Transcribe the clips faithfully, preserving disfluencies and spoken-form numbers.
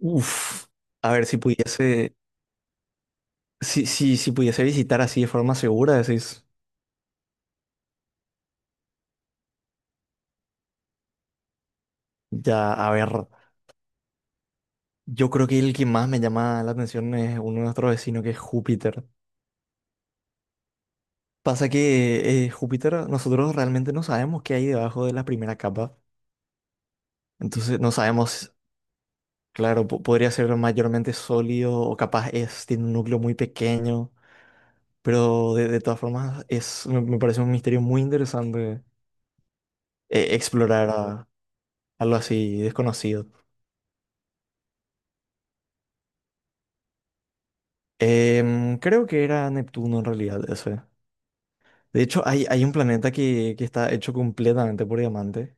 Uf, a ver si pudiese, si, si, si pudiese visitar así de forma segura, decís, ya, a ver, yo creo que el que más me llama la atención es uno de nuestros vecinos, que es Júpiter. Pasa que eh, Júpiter, nosotros realmente no sabemos qué hay debajo de la primera capa, entonces no sabemos, claro, po- podría ser mayormente sólido o capaz es, tiene un núcleo muy pequeño, pero de, de todas formas es, me, me parece un misterio muy interesante eh, explorar a- algo así desconocido. Em, creo que era Neptuno en realidad ese. De hecho, hay, hay un planeta que, que está hecho completamente por diamante,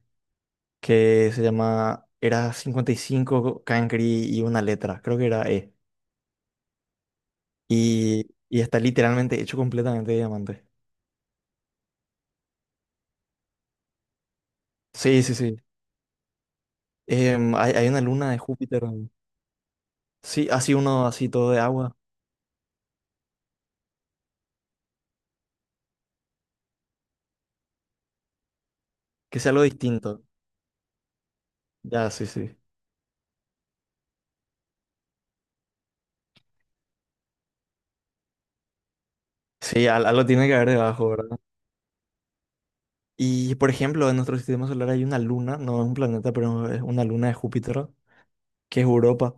que se llama, era cincuenta y cinco Cancri y una letra, creo que era E. Y, y está literalmente hecho completamente de diamante. Sí, sí, sí. Em, hay, hay una luna de Júpiter. Sí, así uno, así todo de agua, que sea algo distinto. Ya, sí, sí. Sí, al- algo tiene que haber debajo, ¿verdad? Y por ejemplo, en nuestro sistema solar hay una luna, no es un planeta, pero es una luna de Júpiter que es Europa,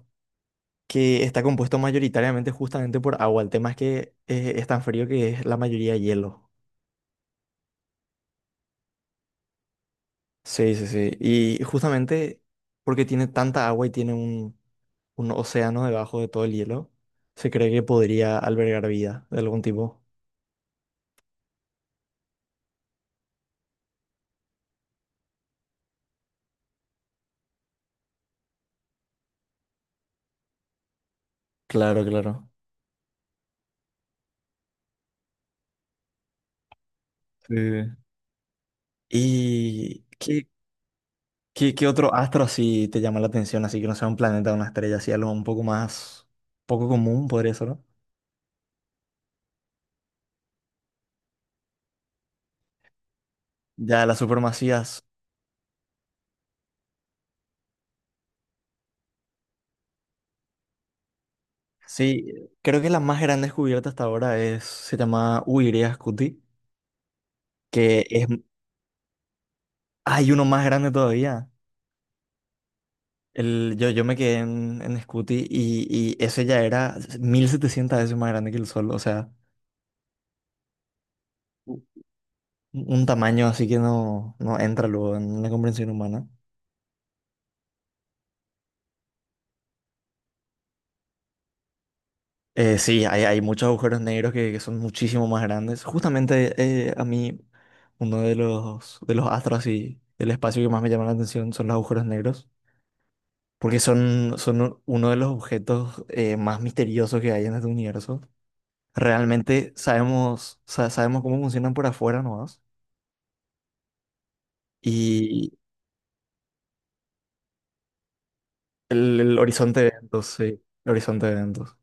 que está compuesto mayoritariamente justamente por agua. El tema es que eh, es tan frío que es la mayoría de hielo. Sí, sí, sí. Y justamente porque tiene tanta agua y tiene un, un océano debajo de todo el hielo, se cree que podría albergar vida de algún tipo. Claro, claro. Sí. ¿Y qué, qué, qué otro astro así te llama la atención? Así que no sea un planeta o una estrella, así algo un poco más, poco común podría ser, ¿no? Ya las supermasivas. Sí, creo que la más grande descubierta hasta ahora es, se llama Uiria Scuti, que es, hay uno más grande todavía. El, yo, yo me quedé en, en Scuti y, y ese ya era mil setecientas veces más grande que el Sol, o sea, u- un tamaño así que no, no entra luego en la comprensión humana. Eh, sí, hay, hay muchos agujeros negros que, que son muchísimo más grandes. Justamente eh, a mí, uno de los, de los astros y del espacio que más me llama la atención son los agujeros negros, porque son, son uno de los objetos eh, más misteriosos que hay en este universo. Realmente sabemos, sa- sabemos cómo funcionan por afuera nomás. Y el, el horizonte de eventos, sí, el horizonte de eventos.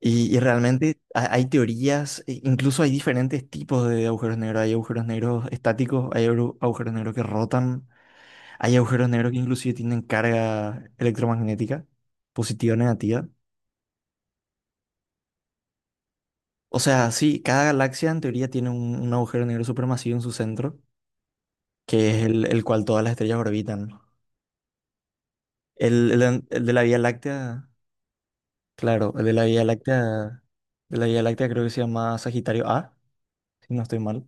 Y, y realmente ha- hay teorías, e incluso hay diferentes tipos de agujeros negros. Hay agujeros negros estáticos, hay agru- agujeros negros que rotan, hay agujeros negros que inclusive tienen carga electromagnética, positiva o negativa. O sea, sí, cada galaxia en teoría tiene un, un agujero negro supermasivo en su centro, que es el, el cual todas las estrellas orbitan. El, el an- el de la Vía Láctea, claro, el de la Vía Láctea, de la Vía Láctea, creo que se llama Sagitario A, si no estoy mal.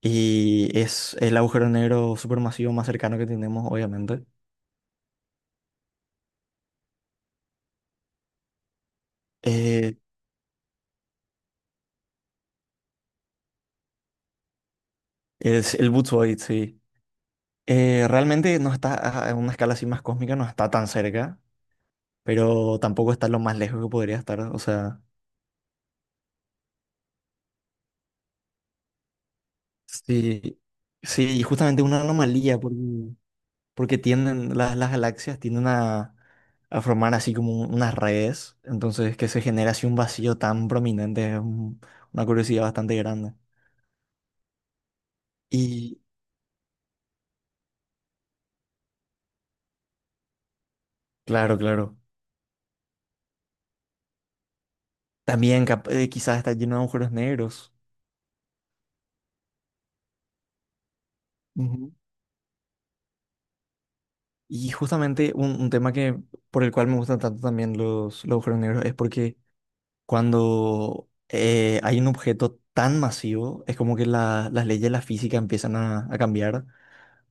Y es el agujero negro supermasivo más cercano que tenemos, obviamente. Eh, es el Boots Void, sí. Eh, realmente no está a a una escala así más cósmica, no está tan cerca, pero tampoco está lo más lejos que podría estar. O sea. Sí, sí, y justamente una anomalía porque, porque tienden, las, las galaxias tienden a, a formar así como unas redes, entonces que se genera así un vacío tan prominente es un- una curiosidad bastante grande. Y claro, claro, también cap- eh, quizás está lleno de agujeros negros. Ujú. Y justamente un, un tema que por el cual me gustan tanto también los, los agujeros negros es porque cuando eh, hay un objeto tan masivo, es como que la- las leyes de la física empiezan a, a cambiar.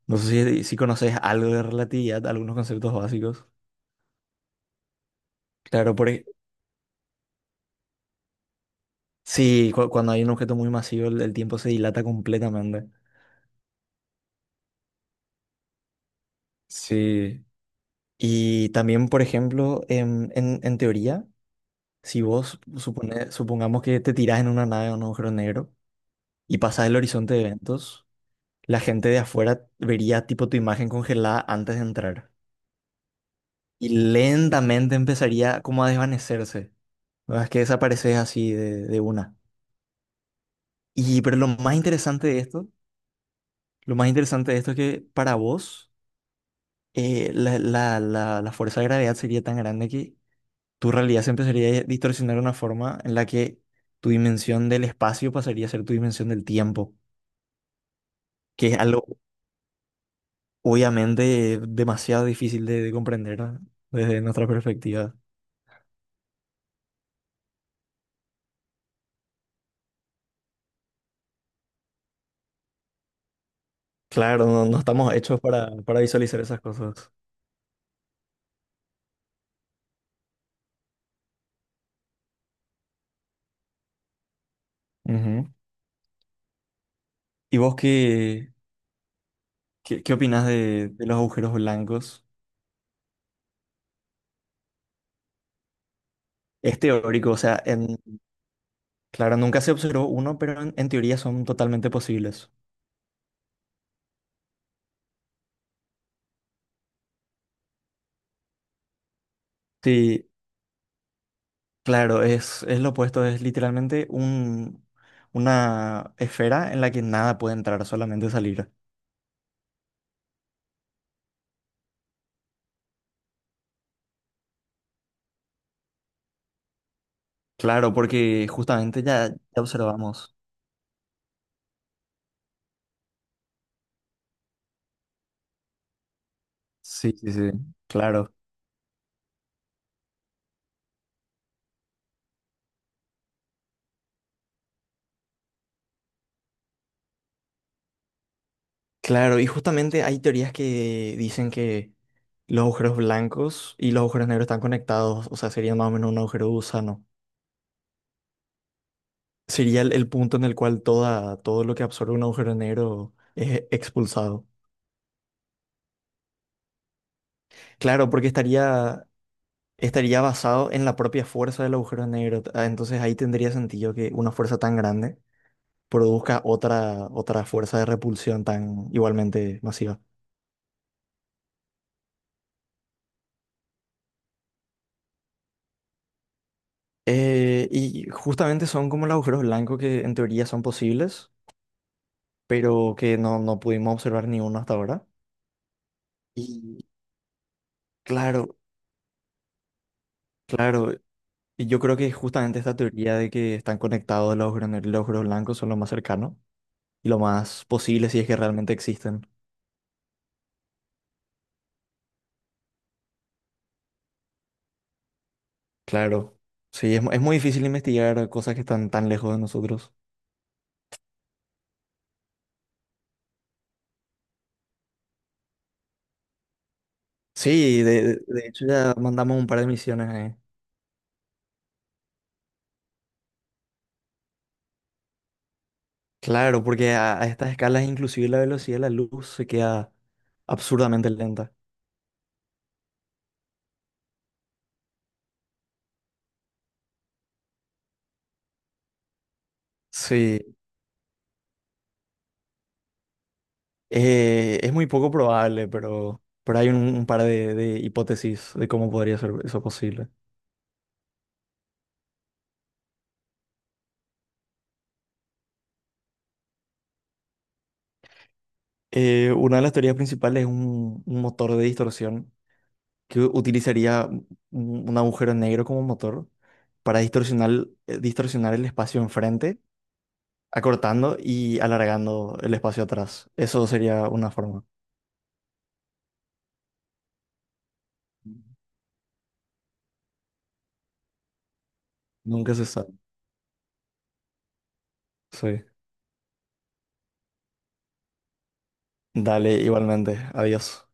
No sé si, si conoces algo de relatividad, algunos conceptos básicos. Claro, por, ej- sí, cu- cuando hay un objeto muy masivo, el, el tiempo se dilata completamente. Sí, y también, por ejemplo, en, en- en teoría, si vos supone- supongamos que te tirás en una nave o un agujero negro y pasás el horizonte de eventos, la gente de afuera vería tipo tu imagen congelada antes de entrar y lentamente empezaría como a desvanecerse. ¿Verdad? Es que desapareces así de, de una. Y pero lo más interesante de esto, lo más interesante de esto es que para vos eh, la, la, la, la fuerza de gravedad sería tan grande que tu realidad se empezaría a distorsionar de una forma en la que tu dimensión del espacio pasaría a ser tu dimensión del tiempo, que es algo obviamente demasiado difícil de, de comprender, ¿no? Desde nuestra perspectiva. Claro, no, no estamos hechos para, para visualizar esas cosas. Ujú. ¿Y vos qué, qué, qué opinás de, de los agujeros blancos? Es teórico, o sea, en, claro, nunca se observó uno, pero en, en teoría son totalmente posibles. Sí, claro, es, es lo opuesto, es literalmente un, una esfera en la que nada puede entrar, solamente salir. Claro, porque justamente ya, ya observamos. Sí, sí, sí. Claro, claro, y justamente hay teorías que dicen que los agujeros blancos y los agujeros negros están conectados, o sea, sería más o menos un agujero de gusano. Sería el, el punto en el cual toda, todo lo que absorbe un agujero negro es expulsado. Claro, porque estaría, estaría basado en la propia fuerza del agujero negro. Ah, entonces ahí tendría sentido que una fuerza tan grande produzca otra, otra fuerza de repulsión tan igualmente masiva. Eh, y justamente son como los agujeros blancos, que en teoría son posibles, pero que no, no pudimos observar ni uno hasta ahora. Y claro, claro. Y yo creo que justamente esta teoría de que están conectados los agujeros y los agujeros blancos son lo más cercano y lo más posible, si es que realmente existen. Claro. Sí, es, mu- es muy difícil investigar cosas que están tan lejos de nosotros. Sí, de, de- de hecho ya mandamos un par de misiones ahí. Claro, porque a, a estas escalas inclusive la velocidad de la luz se queda absurdamente lenta. Sí, eh, es muy poco probable, pero, pero hay un, un par de, de hipótesis de cómo podría ser eso posible. Eh, una de las teorías principales es un, un motor de distorsión que utilizaría un, un agujero negro como motor para distorsionar, eh, distorsionar el espacio enfrente, acortando y alargando el espacio atrás. Eso sería una forma. Nunca se sabe. Sí. Dale, igualmente. Adiós.